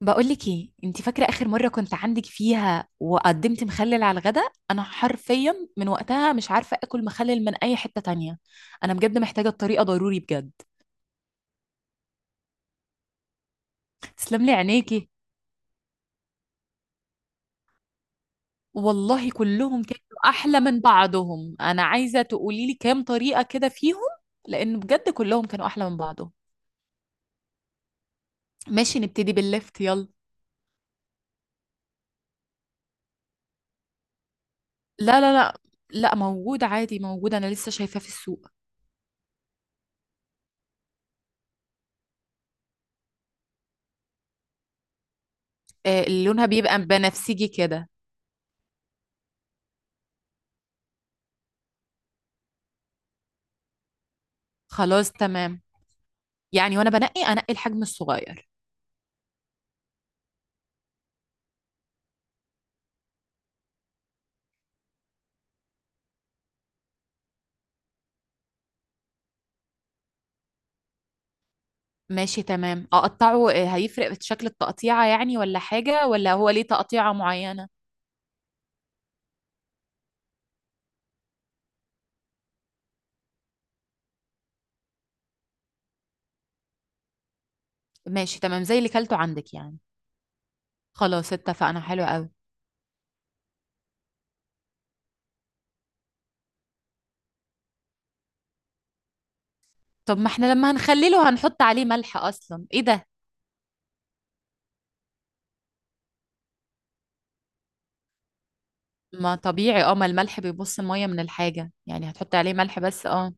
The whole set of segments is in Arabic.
بقولك ايه انت فاكره اخر مره كنت عندك فيها وقدمت مخلل على الغداء؟ انا حرفيا من وقتها مش عارفه اكل مخلل من اي حته تانية. انا بجد محتاجه الطريقه ضروري بجد. تسلم لي عينيكي. والله كلهم كانوا احلى من بعضهم. انا عايزه تقولي لي كام طريقه كده فيهم، لان بجد كلهم كانوا احلى من بعضهم. ماشي، نبتدي بالليفت يلا. لا لا لا، لا موجود عادي، موجود. انا لسه شايفاه في السوق. آه، لونها بيبقى بنفسجي كده. خلاص تمام، يعني وانا بنقي انقي الحجم الصغير. ماشي تمام، اقطعه. آه، هيفرق في شكل التقطيعة يعني ولا حاجة؟ ولا هو ليه تقطيعة معينة؟ ماشي تمام، زي اللي كلته عندك يعني. خلاص اتفقنا، حلو قوي. طب ما احنا لما هنخلله هنحط عليه ملح اصلا، ايه ده؟ ما طبيعي اه، ما الملح بيبص المية من الحاجة يعني، هتحط عليه ملح بس اه.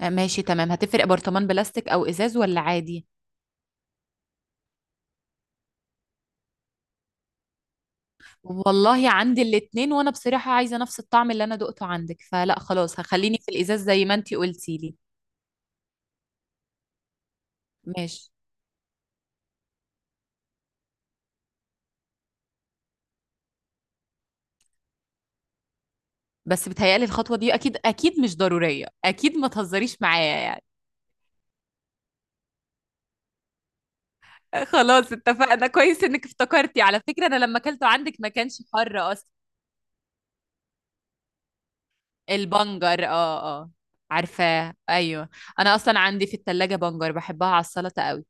آه، ماشي تمام. هتفرق برطمان بلاستيك او ازاز ولا عادي؟ والله عندي الاتنين، وانا بصراحة عايزة نفس الطعم اللي انا دقته عندك، فلا خلاص، هخليني في الازاز زي ما انتي قلتي لي. ماشي. بس بتهيألي الخطوة دي أكيد أكيد مش ضرورية، أكيد ما تهزريش معايا يعني. خلاص اتفقنا، كويس إنك افتكرتي. على فكرة، أنا لما أكلته عندك ما كانش حر أصلا. البنجر، اه اه. عارفاه أيوه. أنا أصلا عندي في التلاجة بنجر، بحبها على السلطة قوي.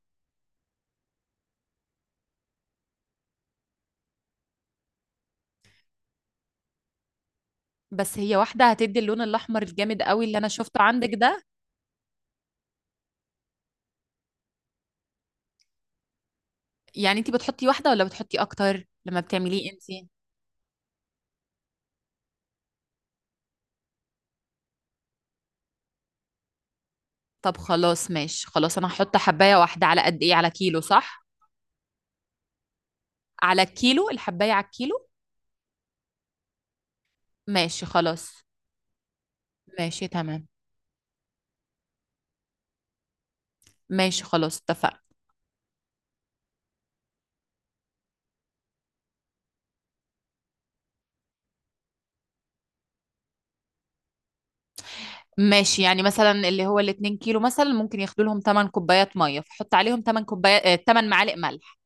بس هي واحدة هتدي اللون الأحمر الجامد قوي اللي أنا شفته عندك ده؟ يعني أنت بتحطي واحدة ولا بتحطي أكتر لما بتعمليه أنت؟ طب خلاص ماشي، خلاص أنا هحط حباية واحدة على قد إيه، على كيلو صح؟ على الكيلو، الحباية على الكيلو؟ ماشي خلاص. ماشي تمام. ماشي خلاص اتفقنا. ماشي، يعني مثلا اللي هو الاتنين كيلو مثلا ممكن ياخدوا لهم 8 كوبايات ميه، فحط عليهم 8 كوبايات، 8 معالق ملح.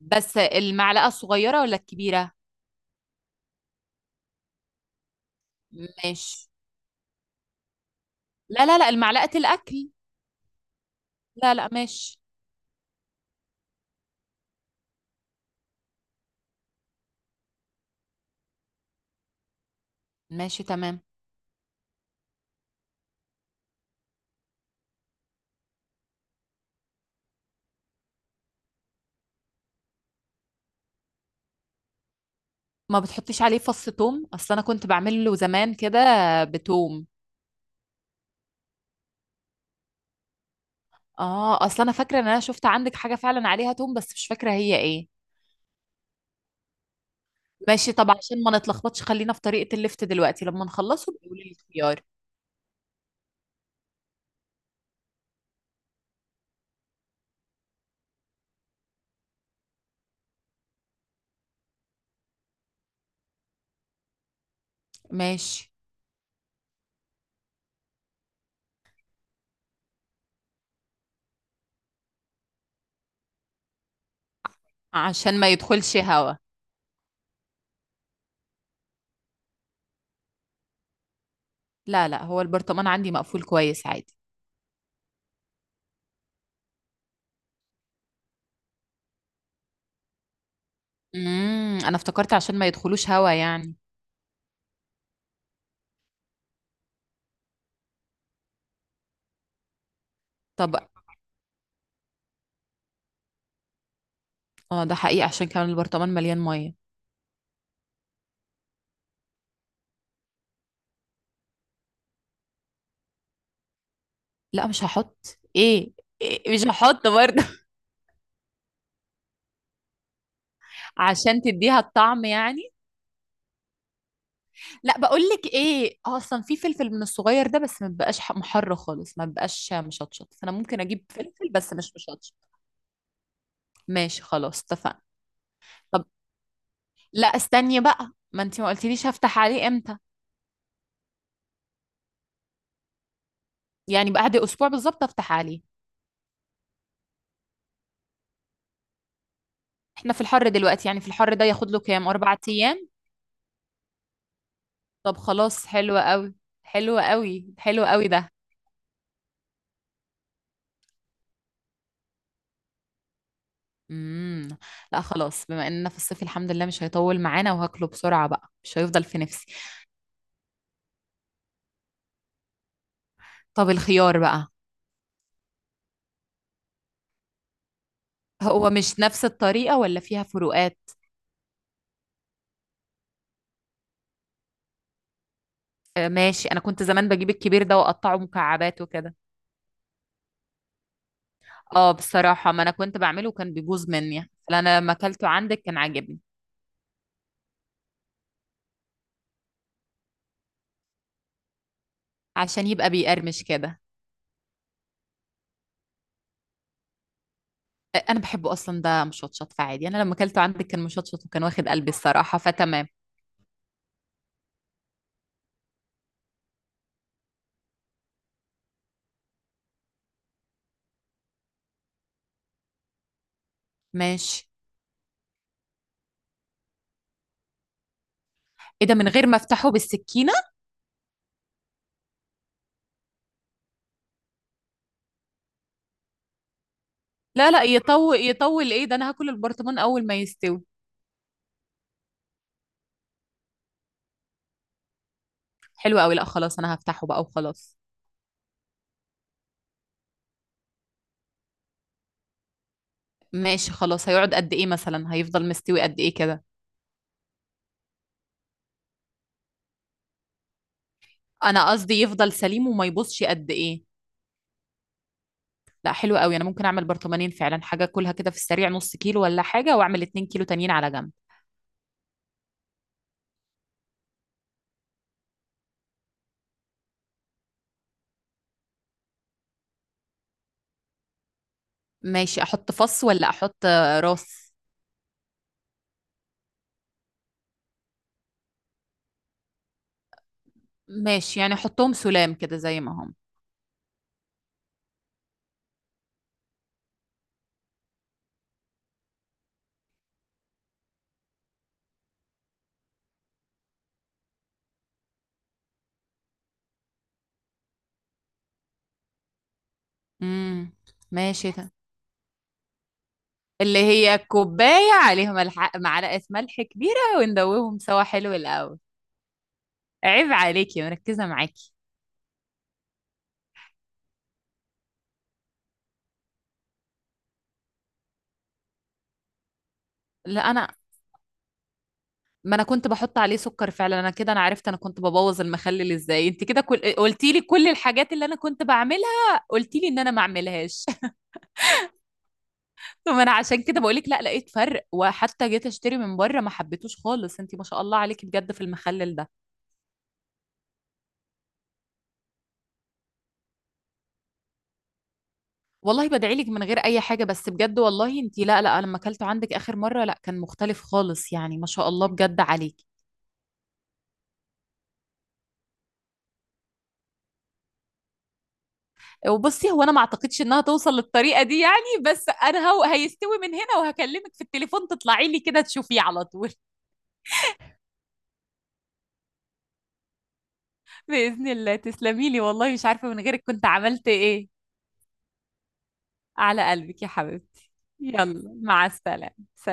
بس المعلقه الصغيره ولا الكبيره؟ ماشي. لا لا لا، المعلقه الاكل. لا لا، ماشي. ماشي تمام. ما بتحطيش عليه فص توم؟ اصل انا كنت بعمل له زمان كده. بتوم. اه، اصل انا فاكره ان انا شفت عندك حاجه فعلا عليها توم بس مش فاكره هي ايه. ماشي، طب عشان ما نتلخبطش خلينا في طريقه اللفت دلوقتي، لما نخلصه بيقولي لي الخيار. ماشي. عشان ما يدخلش هوا؟ لا لا، هو البرطمان عندي مقفول كويس عادي. انا افتكرت عشان ما يدخلوش هوا يعني. طب اه، ده حقيقي، عشان كمان البرطمان مليان ميه. لا مش هحط ايه، إيه؟ مش هحط برضه. عشان تديها الطعم يعني؟ لا، بقول لك ايه، آه، اصلا في فلفل من الصغير ده بس ما بيبقاش محر خالص، ما بيبقاش مشطشط، فانا ممكن اجيب فلفل بس مش مشطشط. ماشي خلاص اتفقنا. طب لا، استني بقى، ما انت ما قلتليش هفتح عليه امتى. يعني بعد اسبوع بالظبط افتح عليه؟ احنا في الحر دلوقتي، يعني في الحر ده ياخد له كام، اربع ايام؟ طب خلاص، حلو قوي، حلو قوي، حلو قوي ده. امم. لا خلاص، بما اننا في الصيف الحمد لله مش هيطول معانا، وهاكله بسرعة بقى، مش هيفضل في نفسي. طب الخيار بقى. هو مش نفس الطريقة ولا فيها فروقات؟ آه ماشي، انا كنت زمان بجيب الكبير ده واقطعه مكعبات وكده. اه بصراحة، ما انا كنت بعمله وكان بيبوظ مني، فانا لما اكلته عندك كان عاجبني. عشان يبقى بيقرمش كده. انا بحبه اصلا ده مشطشط، فعادي انا لما اكلته عندك كان مشطشط وكان واخد قلبي الصراحه، فتمام. ماشي. ايه ده، من غير ما افتحه بالسكينه؟ لا لا، يطول يطول ايه ده، انا هاكل البرطمان اول ما يستوي. حلو قوي. لا خلاص، انا هفتحه بقى وخلاص. ماشي خلاص، هيقعد قد ايه مثلا، هيفضل مستوي قد ايه كده؟ انا قصدي يفضل سليم وما يبصش قد ايه. لا حلو قوي، انا ممكن اعمل برطمانين فعلا، حاجه اكلها كده في السريع نص كيلو ولا حاجه، واعمل 2 كيلو تانيين على جنب. ماشي، احط فص ولا احط، آه، راس؟ ماشي، يعني حطهم سلام كده زي ما هم. امم. ماشي ده. اللي هي كوباية عليهم معلقة ملح كبيرة وندوبهم سوا حلو الأول. عيب عليكي، مركزة معاكي. لا أنا، ما أنا كنت بحط عليه سكر فعلا، أنا كده أنا عرفت أنا كنت ببوظ المخلل إزاي، أنت كده قلتي لي كل الحاجات اللي أنا كنت بعملها قلتي لي إن أنا ما أعملهاش. طب أنا عشان كده بقولك، لا لقيت فرق، وحتى جيت أشتري من بره ما حبيتوش خالص. أنت ما شاء الله عليكي بجد في المخلل ده. والله بدعي لك من غير اي حاجه، بس بجد والله انت، لا لا، لما اكلته عندك اخر مره لا، كان مختلف خالص يعني، ما شاء الله بجد عليك. وبصي، هو انا ما اعتقدش انها توصل للطريقه دي يعني، بس انا هو هيستوي من هنا وهكلمك في التليفون تطلعي لي كده تشوفيه على طول. باذن الله، تسلمي لي والله، مش عارفه من غيرك كنت عملت ايه. على قلبك يا حبيبتي. يلا مع السلامه، سلام.